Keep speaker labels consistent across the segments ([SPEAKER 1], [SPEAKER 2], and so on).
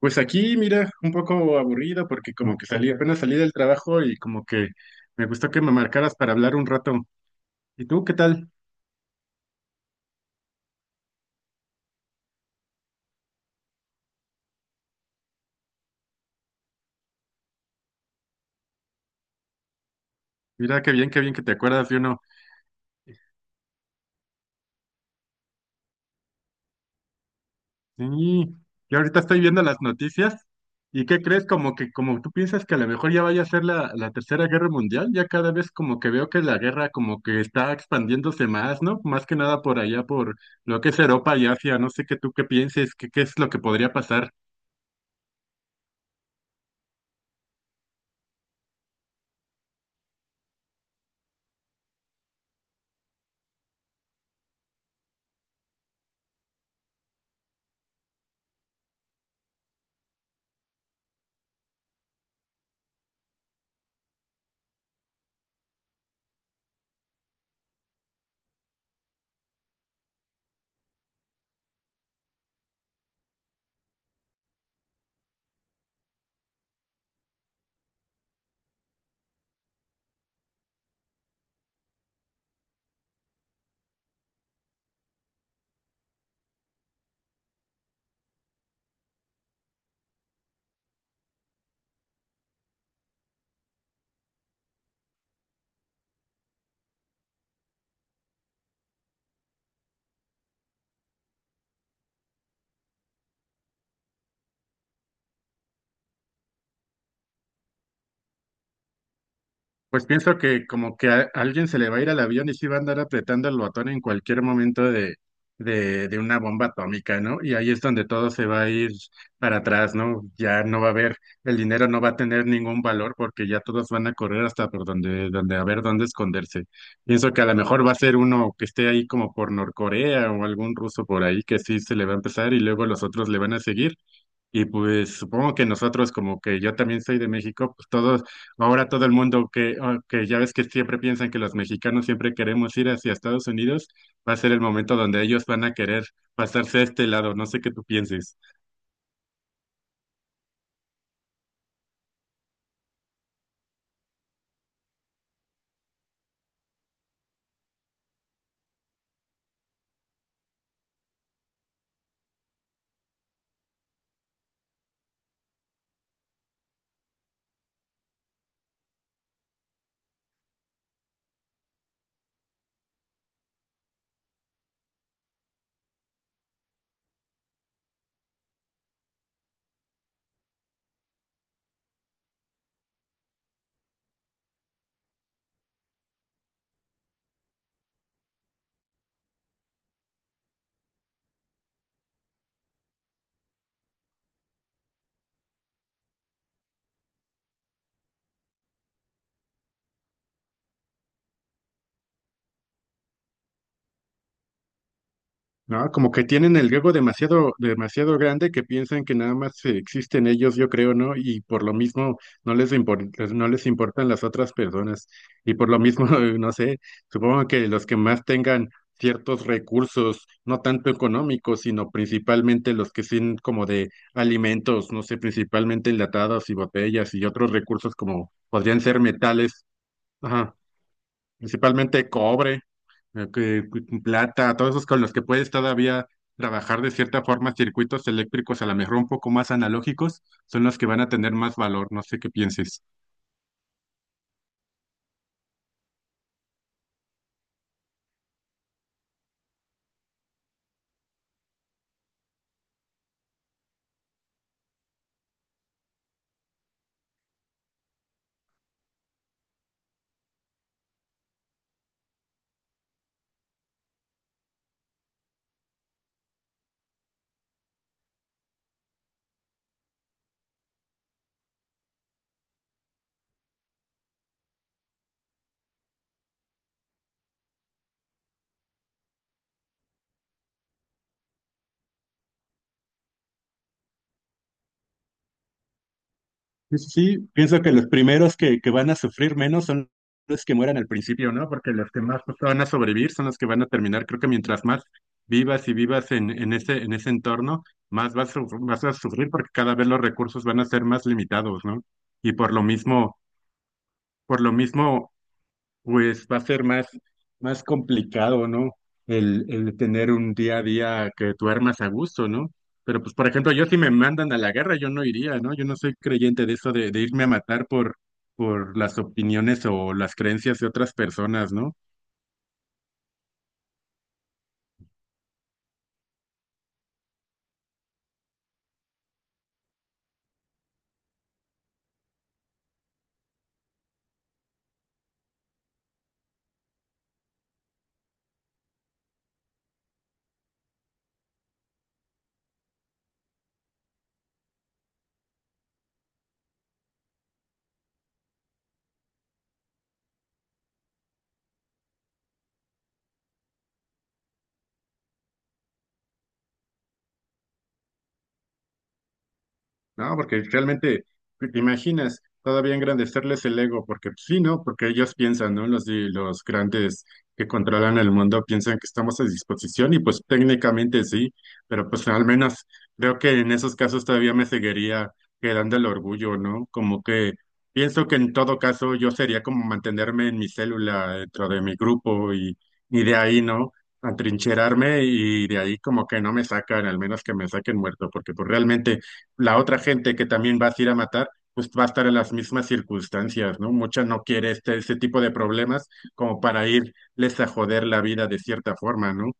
[SPEAKER 1] Pues aquí, mira, un poco aburrido porque como que salí, apenas salí del trabajo y como que me gustó que me marcaras para hablar un rato. ¿Y tú qué tal? Mira, qué bien que te acuerdas de uno. Sí, yo ahorita estoy viendo las noticias y ¿qué crees? Como que como tú piensas que a lo mejor ya vaya a ser la Tercera Guerra Mundial, ya cada vez como que veo que la guerra como que está expandiéndose más, ¿no? Más que nada por allá, por lo que es Europa y Asia, no sé qué tú qué pienses, qué es lo que podría pasar. Pues pienso que como que a alguien se le va a ir al avión y sí va a andar apretando el botón en cualquier momento de una bomba atómica, ¿no? Y ahí es donde todo se va a ir para atrás, ¿no? Ya no va a haber, el dinero no va a tener ningún valor porque ya todos van a correr hasta por donde a ver dónde esconderse. Pienso que a lo mejor va a ser uno que esté ahí como por Norcorea o algún ruso por ahí que sí se le va a empezar y luego los otros le van a seguir y pues supongo que nosotros, como que yo también soy de México, pues todos, ahora todo el mundo que, ah, que ya ves que siempre piensan que los mexicanos siempre queremos ir hacia Estados Unidos, va a ser el momento donde ellos van a querer pasarse a este lado. No sé qué tú pienses. No, como que tienen el ego demasiado, demasiado grande que piensan que nada más existen ellos, yo creo, ¿no? Y por lo mismo no les importan las otras personas. Y por lo mismo, no sé, supongo que los que más tengan ciertos recursos, no tanto económicos, sino principalmente los que son como de alimentos, no sé, principalmente enlatados y botellas y otros recursos como podrían ser metales, principalmente cobre, plata, todos esos con los que puedes todavía trabajar de cierta forma circuitos eléctricos, a lo mejor un poco más analógicos, son los que van a tener más valor, no sé qué pienses. Sí, sí, sí, pienso que los primeros que van a sufrir menos son los que mueran al principio, ¿no? Porque los que más, pues, van a sobrevivir son los que van a terminar. Creo que mientras más vivas y vivas en ese entorno, más vas a sufrir porque cada vez los recursos van a ser más limitados, ¿no? Y por lo mismo, por lo mismo pues va a ser más complicado, ¿no? El tener un día a día que tú armas a gusto, ¿no? Pero pues, por ejemplo, yo si me mandan a la guerra, yo no iría, ¿no? Yo no soy creyente de eso de irme a matar por las opiniones o las creencias de otras personas, ¿no? No, porque realmente, te imaginas, todavía engrandecerles el ego, porque pues, sí, ¿no? Porque ellos piensan, ¿no? Los grandes que controlan el mundo piensan que estamos a disposición y pues técnicamente sí, pero pues al menos creo que en esos casos todavía me seguiría quedando el orgullo, ¿no? Como que pienso que en todo caso yo sería como mantenerme en mi célula dentro de mi grupo y de ahí, ¿no? Atrincherarme y de ahí como que no me sacan, al menos que me saquen muerto, porque pues realmente la otra gente que también vas a ir a matar pues va a estar en las mismas circunstancias, ¿no? Mucha no quiere este tipo de problemas como para irles a joder la vida de cierta forma, ¿no?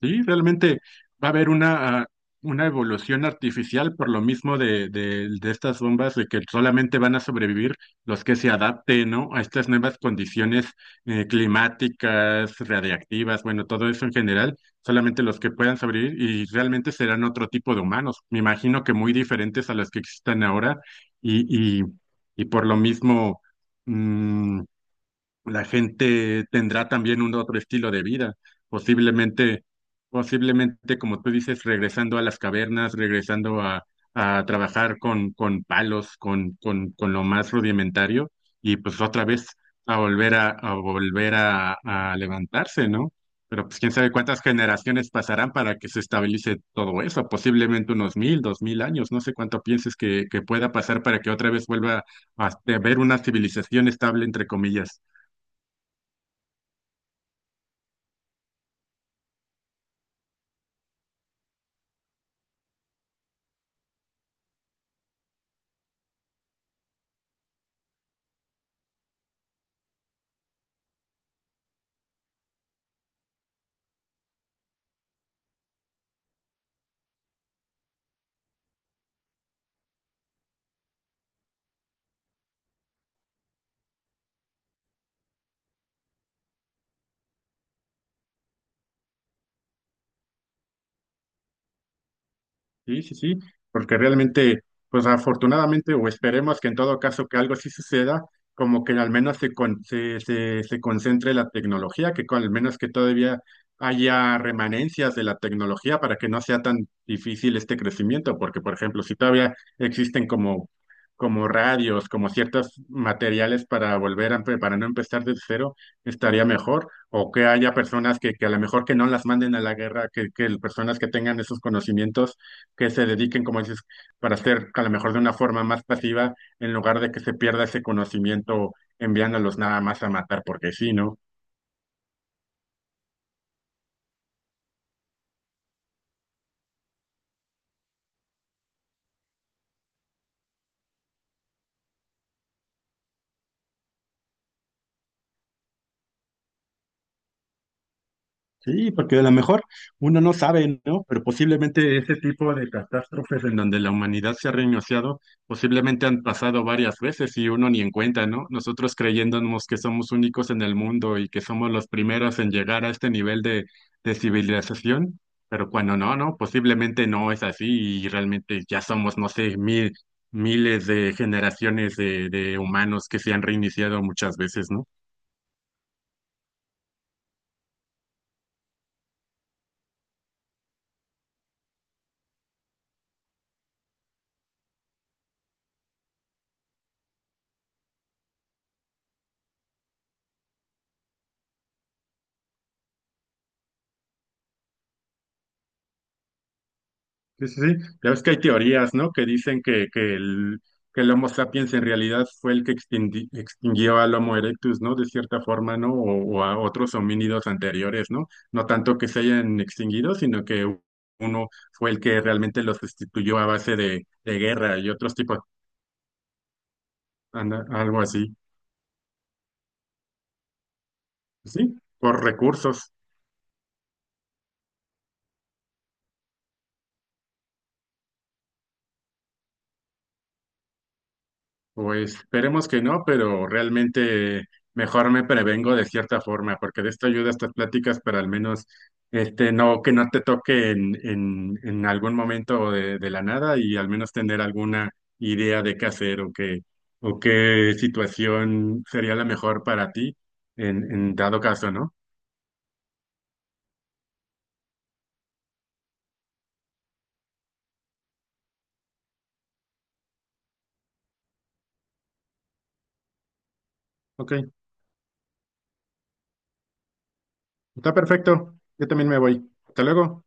[SPEAKER 1] Sí, realmente va a haber una evolución artificial por lo mismo de estas bombas, de que solamente van a sobrevivir los que se adapten, ¿no?, a estas nuevas condiciones climáticas, radiactivas, bueno, todo eso en general, solamente los que puedan sobrevivir y realmente serán otro tipo de humanos, me imagino que muy diferentes a los que existen ahora y, y, y por lo mismo... mm, la gente tendrá también un otro estilo de vida, posiblemente, posiblemente, como tú dices, regresando a las cavernas, regresando a trabajar con palos, con lo más rudimentario, y pues otra vez a volver a levantarse, ¿no? Pero pues quién sabe cuántas generaciones pasarán para que se estabilice todo eso, posiblemente unos 1.000, 2.000 años, no sé cuánto pienses que pueda pasar para que otra vez vuelva a a haber una civilización estable, entre comillas. Sí, sí, sí, porque realmente, pues afortunadamente, o esperemos que en todo caso que algo sí suceda, como que al menos se concentre la tecnología, que con- al menos que todavía haya remanencias de la tecnología para que no sea tan difícil este crecimiento, porque por ejemplo, si todavía existen como, como radios, como ciertos materiales para volver a, para no empezar de cero, estaría mejor, o que haya personas que a lo mejor que no las manden a la guerra, que personas que tengan esos conocimientos que se dediquen, como dices, para hacer a lo mejor de una forma más pasiva, en lugar de que se pierda ese conocimiento enviándolos nada más a matar porque sí, ¿no? Sí, porque a lo mejor uno no sabe, ¿no? Pero posiblemente ese tipo de catástrofes en donde la humanidad se ha reiniciado, posiblemente han pasado varias veces y uno ni en cuenta, ¿no? Nosotros creyéndonos que somos únicos en el mundo y que somos los primeros en llegar a este nivel de civilización, pero cuando no, ¿no? Posiblemente no es así y realmente ya somos, no sé, mil, miles de generaciones de humanos que se han reiniciado muchas veces, ¿no? Sí, sí, sí. Ya ves que hay teorías, ¿no? Que dicen que el Homo sapiens en realidad fue el que extinguió al Homo erectus, ¿no? De cierta forma, ¿no? O a otros homínidos anteriores, ¿no? No tanto que se hayan extinguido, sino que uno fue el que realmente los sustituyó a base de guerra y otros tipos, algo así. Sí, por recursos. Pues esperemos que no, pero realmente mejor me prevengo de cierta forma, porque de esto ayuda estas pláticas, para al menos este no que no te toque en algún momento de la nada y al menos tener alguna idea de qué hacer o qué situación sería la mejor para ti en dado caso, ¿no? Ok, está perfecto. Yo también me voy. Hasta luego.